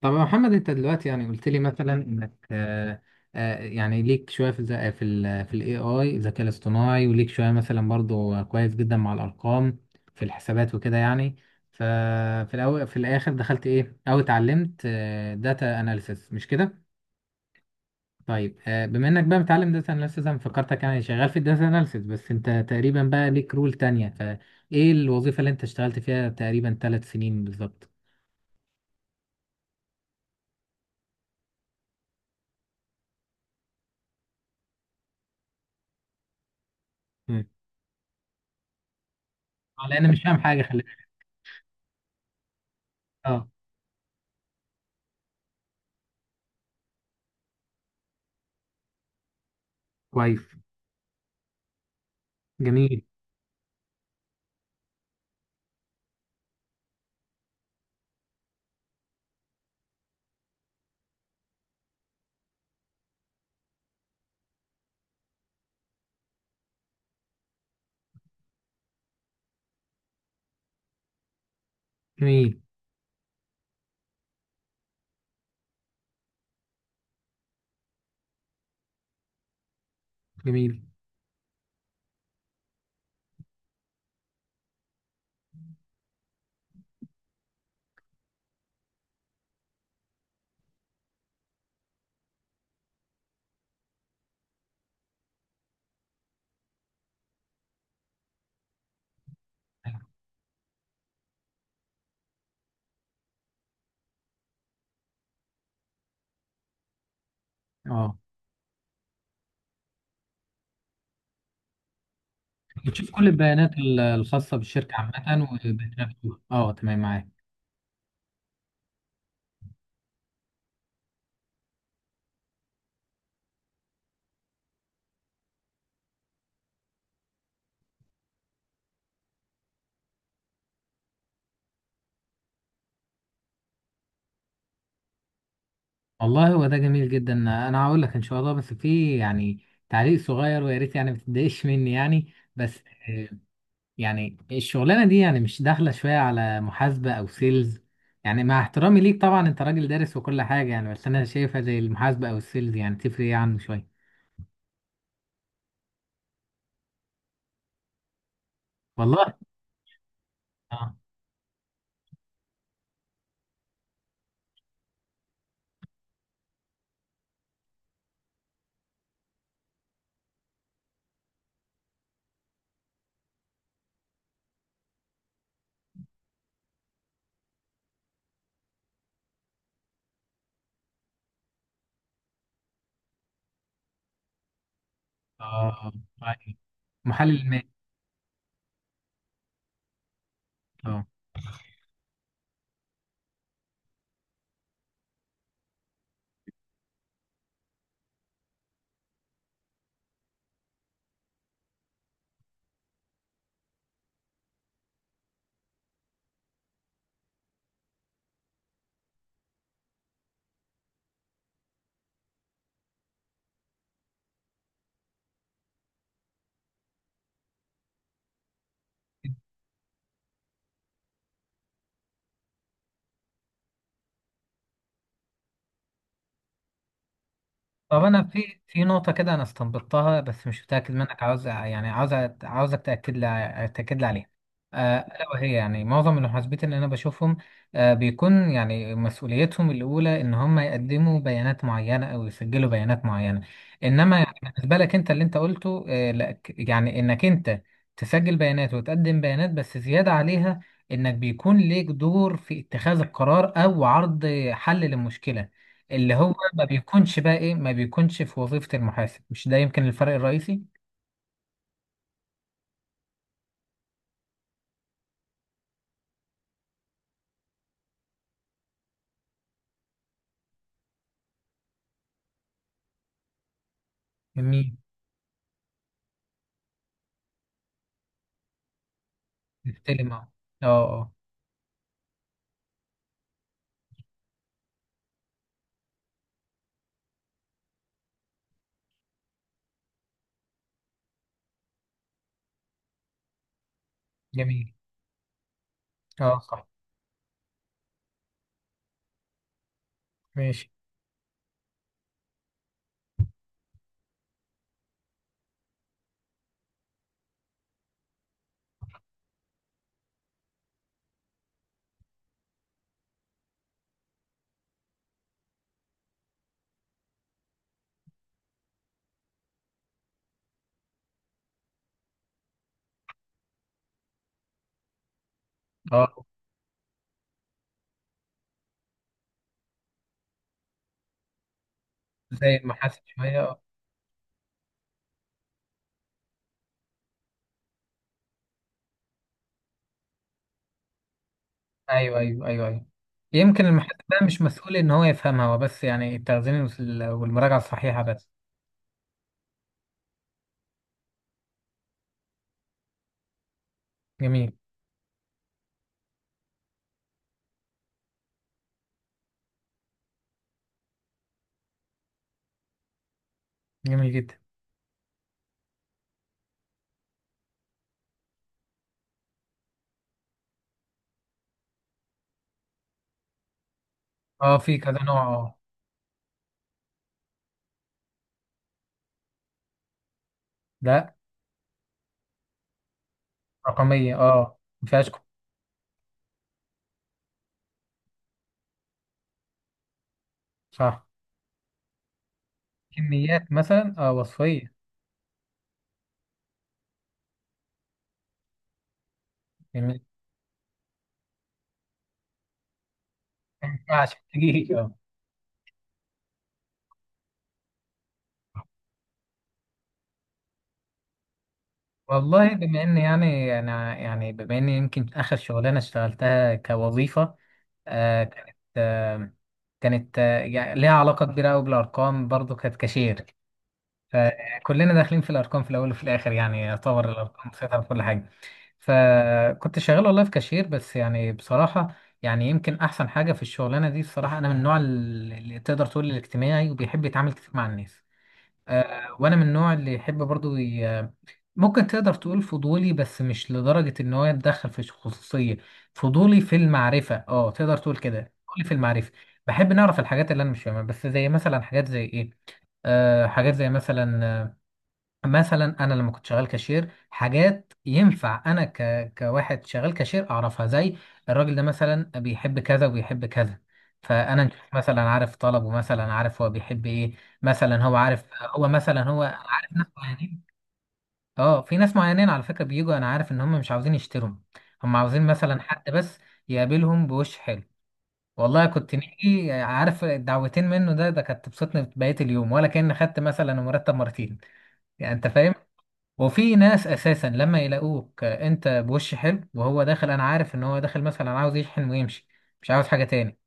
طب يا محمد، انت دلوقتي يعني قلت لي مثلا انك يعني ليك شويه في الذ- في ال في الاي اي الذكاء الاصطناعي، وليك شويه مثلا برضو كويس جدا مع الارقام في الحسابات وكده يعني. ففي الاول في الاخر دخلت ايه او اتعلمت داتا اناليسيس، مش كده؟ طيب بما انك بقى متعلم داتا اناليسيس، انا فكرتك يعني شغال في الداتا اناليسيس، بس انت تقريبا بقى ليك رول تانية، فايه الوظيفه اللي انت اشتغلت فيها تقريبا 3 سنين بالظبط؟ مم. لان انا مش فاهم حاجه، خلي بالك. اه، كويس. جميل، جميل، جميل. اه. بتشوف كل البيانات الخاصة بالشركة عامة وبيانات مفتوحة. اه، تمام، معاك. والله هو ده جميل جدا. انا هقول لك ان شاء الله، بس في يعني تعليق صغير ويا ريت يعني ما تتضايقش مني يعني، بس. آه، يعني الشغلانة دي يعني مش داخلة شوية على محاسبة او سيلز؟ يعني مع احترامي ليك طبعا، انت راجل دارس وكل حاجة يعني، بس انا شايفها زي المحاسبة او السيلز يعني تفرق يعني شوية. والله. اه. اه. آه. طيب. محلل المال. اه. طب انا في نقطه كده انا استنبطتها، بس مش متاكد منك. عاوز يعني عاوزك تاكد لي عليها. الا وهي يعني معظم المحاسبين اللي انا بشوفهم بيكون يعني مسؤوليتهم الاولى ان هم يقدموا بيانات معينه او يسجلوا بيانات معينه، انما يعني بالنسبه لك انت اللي انت قلته، لا يعني انك انت تسجل بيانات وتقدم بيانات، بس زياده عليها انك بيكون ليك دور في اتخاذ القرار او عرض حل للمشكله، اللي هو ما بيكونش بقى ايه، ما بيكونش في وظيفة المحاسب. مش ده يمكن الفرق الرئيسي؟ جميل. نستلم، اه. اه. جميل. اه، صح. ماشي. اه. زي المحاسب شوية، اه. ايوه، ايوه، ايوه، ايوه. يمكن المحاسب بقى مش مسؤول ان هو يفهمها، هو بس يعني التخزين والمراجعة الصحيحة بس. جميل. جميل جدا. اه، في كذا نوع. اه. لا. رقمية، اه. ما فيهاش صح. كميات مثلا، اه. وصفية. جميل. ما ينفعش تجيلي. والله بما اني يعني انا يعني بما اني يمكن اخر شغلانه اشتغلتها كوظيفه، آه كانت آه كانت يعني ليها علاقه كبيره قوي بالارقام برضو، كانت كاشير. فكلنا داخلين في الارقام في الاول وفي الاخر، يعني يعتبر الارقام مسيطره في كل حاجه. فكنت شغال والله في كاشير، بس يعني بصراحه يعني يمكن احسن حاجه في الشغلانه دي بصراحه، انا من النوع اللي تقدر تقول الاجتماعي وبيحب يتعامل كتير مع الناس. وانا من النوع اللي يحب برضو ممكن تقدر تقول فضولي، بس مش لدرجة ان هو يتدخل في الخصوصية. فضولي في المعرفة، اه. تقدر تقول كده، فضولي في المعرفة. بحب نعرف الحاجات اللي انا مش فاهمها، بس زي مثلا حاجات زي ايه. حاجات زي مثلا، مثلا انا لما كنت شغال كاشير، حاجات ينفع انا كواحد شغال كاشير اعرفها. زي الراجل ده مثلا بيحب كذا وبيحب كذا، فانا مثلا عارف طلبه، مثلا عارف هو بيحب ايه. مثلا هو عارف هو مثلا هو أنا عارف ناس معينين. اه، في ناس معينين على فكرة بيجوا انا عارف ان هم مش عاوزين يشتروا، هم عاوزين مثلا حد بس يقابلهم بوش حلو. والله، كنت نيجي عارف الدعوتين منه، ده كانت تبسطني بقية اليوم، ولا كأن خدت مثلا مرتب مرتين يعني. انت فاهم؟ وفي ناس اساسا لما يلاقوك انت بوش حلو وهو داخل، انا عارف ان هو داخل مثلا عاوز يشحن ويمشي، مش عاوز حاجه تاني.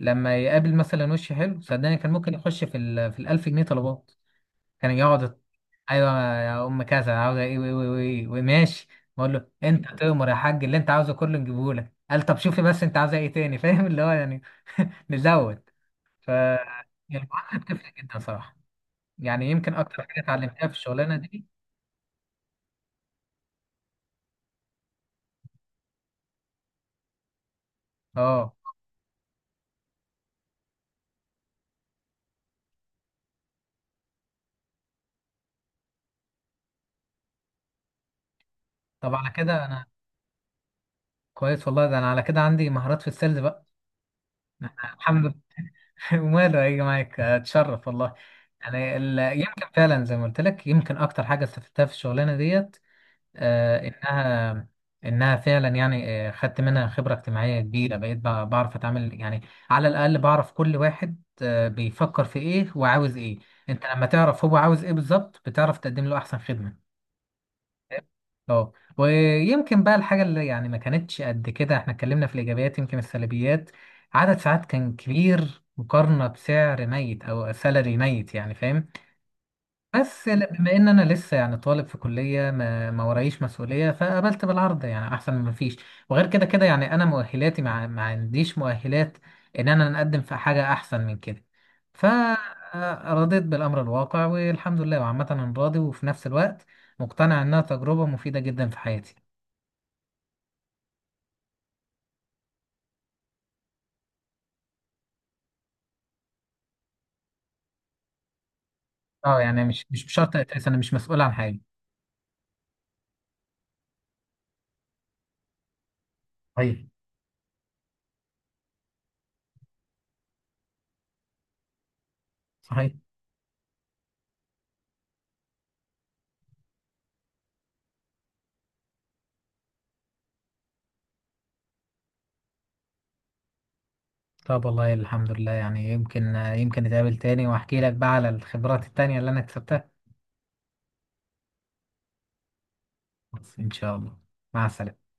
لما يقابل مثلا وش حلو صدقني كان ممكن يخش في ال في الـ1000 جنيه طلبات، كان يقعد. ايوه، يا ام كذا عاوزه ايه وايه وايه وايه، وماشي. بقول له انت تؤمر يا حاج، اللي انت عاوزه كله نجيبه لك. قال طب شوفي بس انت عاوزه ايه تاني. فاهم اللي هو يعني نزود. ف المعامله بتفرق جدا صراحه. يعني يمكن اكتر حاجه اتعلمتها في الشغلانه دي، اه. طب على كده انا كويس، والله ده انا على كده عندي مهارات في السيلز بقى. الحمد لله. وماله هيجي معاك اتشرف والله. يعني يمكن فعلا زي ما قلت لك، يمكن اكتر حاجه استفدتها في الشغلانه ديت آه انها انها فعلا يعني خدت منها خبره اجتماعيه كبيره، بقيت بعرف اتعامل يعني. على الاقل بعرف كل واحد بيفكر في ايه وعاوز ايه. انت لما تعرف هو عاوز ايه بالظبط، بتعرف تقدم له احسن خدمه. اه. ويمكن بقى الحاجة اللي يعني ما كانتش قد كده، احنا اتكلمنا في الإيجابيات، يمكن السلبيات عدد ساعات كان كبير مقارنة بسعر ميت أو سالري ميت. يعني فاهم؟ بس بما إن أنا لسه يعني طالب في كلية، ما ورايش مسؤولية، فقبلت بالعرض يعني، أحسن من مفيش. وغير كده كده يعني أنا مؤهلاتي، مع ما عنديش مؤهلات إن أنا نقدم في حاجة أحسن من كده، فرضيت بالأمر الواقع والحمد لله. وعامة أنا راضي، وفي نفس الوقت مقتنع إنها تجربة مفيدة جدا في حياتي. اه، يعني مش بشرط اساسا انا مش مسؤول عن حاجه. صحيح. صحيح. طب والله الحمد لله، يعني يمكن نتقابل تاني واحكي لك بقى على الخبرات التانية اللي انا كسبتها. بس ان شاء الله. مع السلامه.